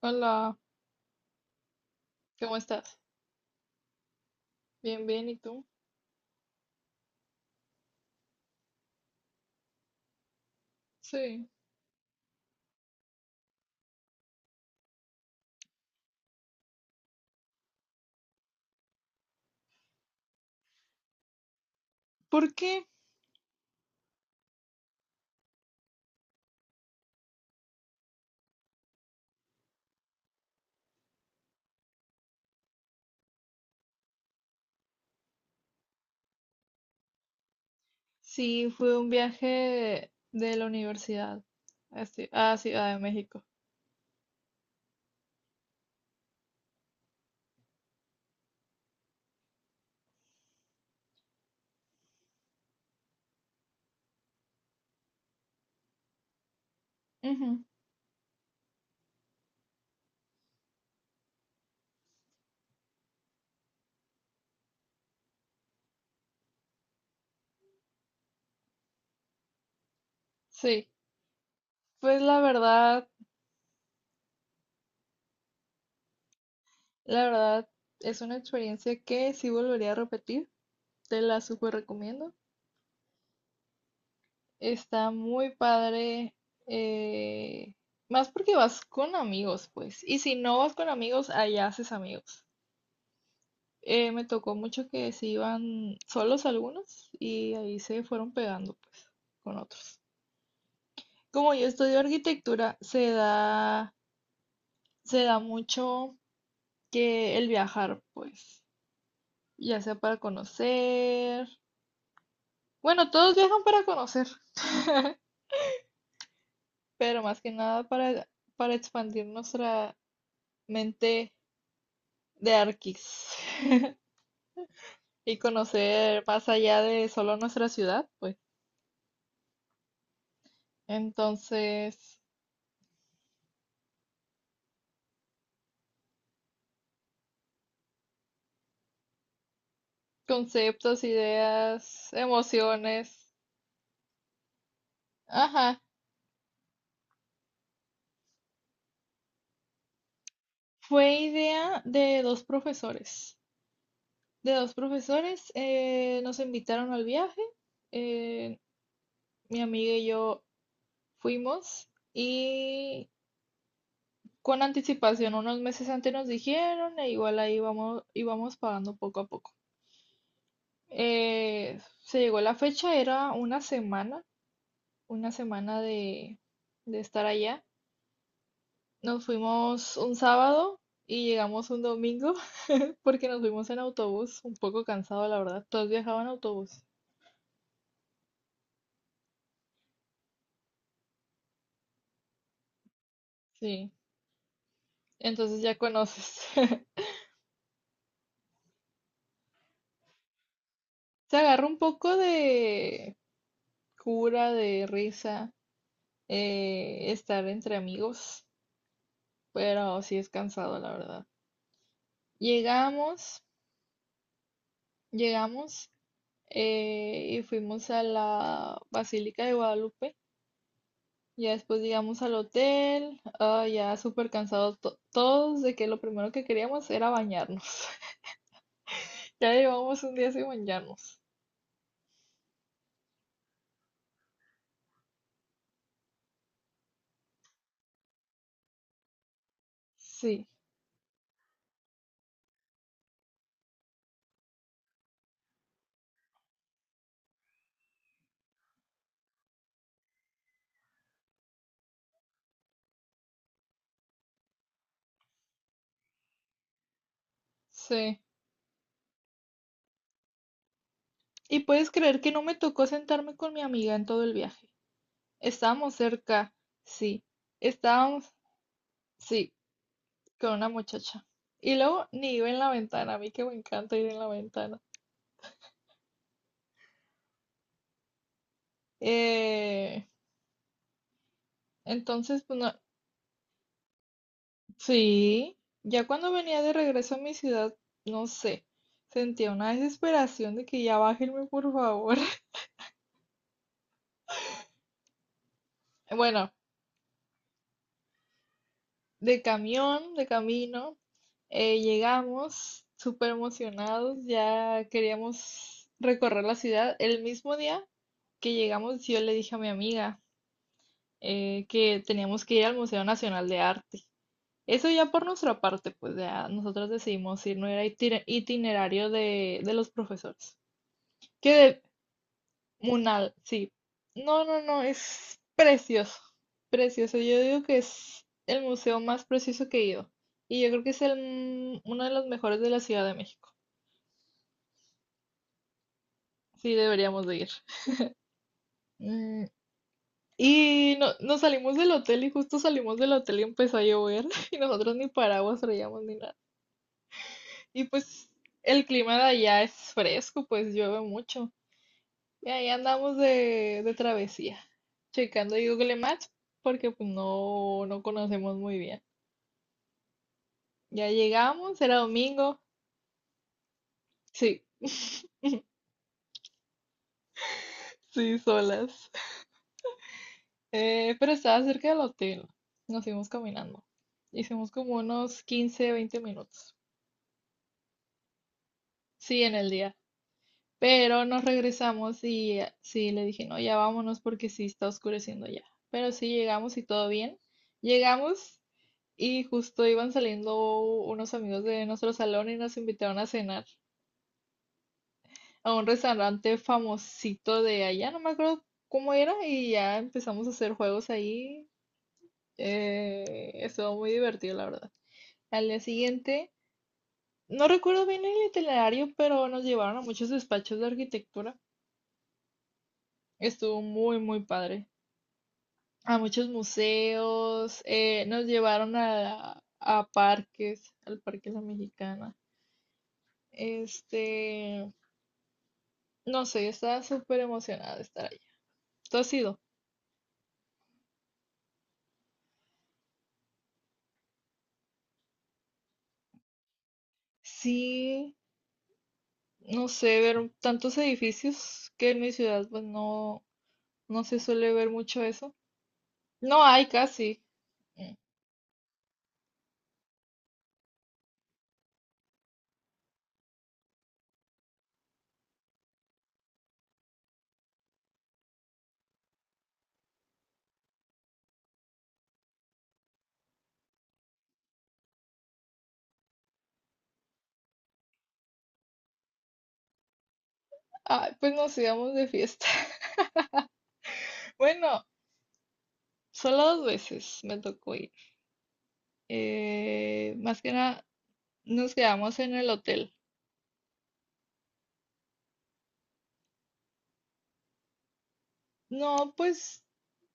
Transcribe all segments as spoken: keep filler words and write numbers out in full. Hola, ¿cómo estás? Bien, bien, ¿y tú? Sí. ¿Por qué? Sí, fue un viaje de la universidad a, Ci- a Ciudad de México. Ujú. Sí, pues la verdad, la verdad es una experiencia que sí volvería a repetir, te la súper recomiendo. Está muy padre, eh, más porque vas con amigos, pues, y si no vas con amigos, allá haces amigos. Eh, me tocó mucho que se iban solos algunos y ahí se fueron pegando, pues, con otros. Como yo estudio arquitectura, se da, se da mucho que el viajar, pues, ya sea para conocer. Bueno, todos viajan para conocer, pero más que nada para, para expandir nuestra mente de arquis y conocer más allá de solo nuestra ciudad, pues. Entonces, conceptos, ideas, emociones. Ajá. Fue idea de dos profesores. De dos profesores eh, nos invitaron al viaje. eh, Mi amiga y yo fuimos y, con anticipación, unos meses antes nos dijeron e igual ahí vamos, íbamos pagando poco a poco. Eh, se llegó la fecha, era una semana, una semana de, de estar allá. Nos fuimos un sábado y llegamos un domingo porque nos fuimos en autobús, un poco cansado, la verdad. Todos viajaban en autobús. Sí, entonces ya conoces. Se agarra un poco de cura, de risa, eh, estar entre amigos, pero sí es cansado, la verdad. Llegamos, llegamos eh, y fuimos a la Basílica de Guadalupe. Ya después llegamos al hotel, ah, ya súper cansados to- todos de que lo primero que queríamos era bañarnos. Ya llevamos un día sin bañarnos. Sí, sí. Y puedes creer que no me tocó sentarme con mi amiga en todo el viaje. Estábamos cerca, sí. Estábamos, sí, con una muchacha. Y luego ni iba en la ventana, a mí que me encanta ir en la ventana. Eh, entonces, pues no. Sí, ya cuando venía de regreso a mi ciudad, no sé, sentía una desesperación de que ya bájenme, por favor. Bueno, de camión, de camino, eh, llegamos súper emocionados, ya queríamos recorrer la ciudad. El mismo día que llegamos, yo le dije a mi amiga eh, que teníamos que ir al Museo Nacional de Arte. Eso ya por nuestra parte, pues ya nosotros decidimos ir, no era itiner- itinerario de, de los profesores. Que de, Munal, sí. No, no, no, es precioso, precioso. Yo digo que es el museo más precioso que he ido. Y yo creo que es el, mm, uno de los mejores de la Ciudad de México. Sí, deberíamos de ir. Mm, y no, nos salimos del hotel y justo salimos del hotel y empezó a llover y nosotros ni paraguas traíamos ni nada. Y pues el clima de allá es fresco, pues llueve mucho. Y ahí andamos de, de travesía, checando Google Maps porque pues no, no conocemos muy bien. Ya llegamos, era domingo. Sí, sí, solas. Eh, pero estaba cerca del hotel. Nos fuimos caminando. Hicimos como unos quince veinte minutos. Sí, en el día. Pero nos regresamos y, eh, sí, le dije, no, ya vámonos porque sí está oscureciendo ya. Pero sí llegamos y todo bien. Llegamos y justo iban saliendo unos amigos de nuestro salón y nos invitaron a cenar, a un restaurante famosito de allá, no me acuerdo cómo era, y ya empezamos a hacer juegos ahí. Eh, estuvo muy divertido, la verdad. Al día siguiente, no recuerdo bien el itinerario, pero nos llevaron a muchos despachos de arquitectura. Estuvo muy, muy padre. A muchos museos, eh, nos llevaron a, a parques, al Parque La Mexicana. Este, no sé, estaba súper emocionada de estar allá. ¿Tú has ido? Sí, no sé, ver tantos edificios que en mi ciudad pues no, no se suele ver mucho eso. No hay casi. Mm. Ah, pues nos íbamos de fiesta. Bueno, solo dos veces me tocó ir. Eh, más que nada nos quedamos en el hotel. No, pues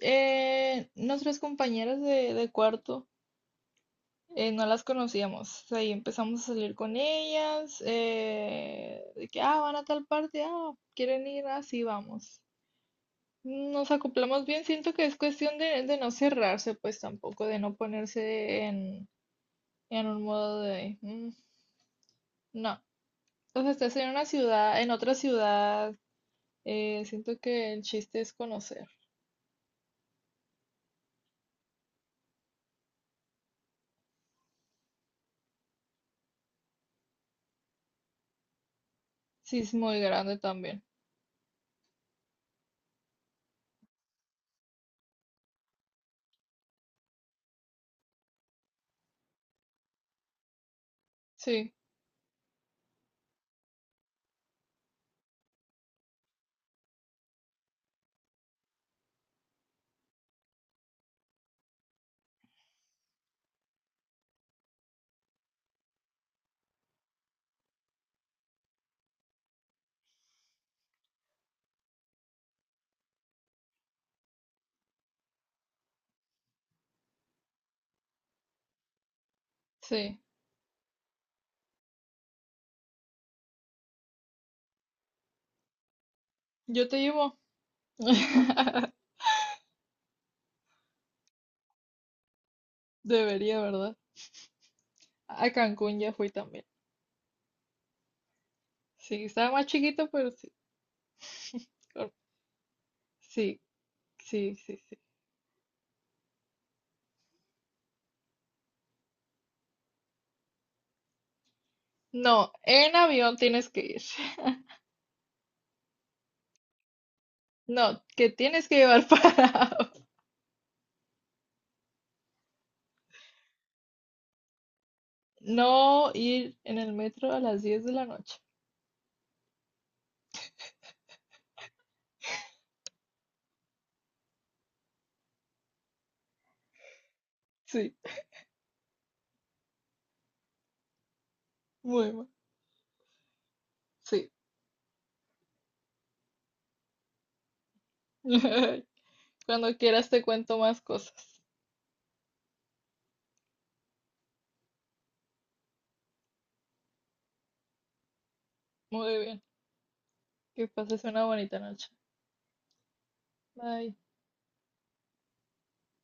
eh, nuestras compañeras de, de cuarto eh, no las conocíamos. Ahí empezamos a salir con ellas. Eh, de que, ah, van a tal parte, ah, quieren ir, así vamos. Nos acoplamos bien, siento que es cuestión de, de no cerrarse, pues, tampoco, de no ponerse en, en un modo de... "Mm, no, o sea, estás en una ciudad, en otra ciudad, eh, siento que el chiste es conocer." Sí, es muy grande también. Sí, sí, yo te llevo. Debería, ¿verdad? A Cancún ya fui también. Sí, estaba más chiquito, pero sí. Claro. Sí, sí, sí, sí. No, en avión tienes que ir. No, que tienes que llevar para no ir en el metro a las diez de la noche. Sí, muy mal. Sí. Cuando quieras te cuento más cosas. Muy bien. Que pases una bonita noche. Bye.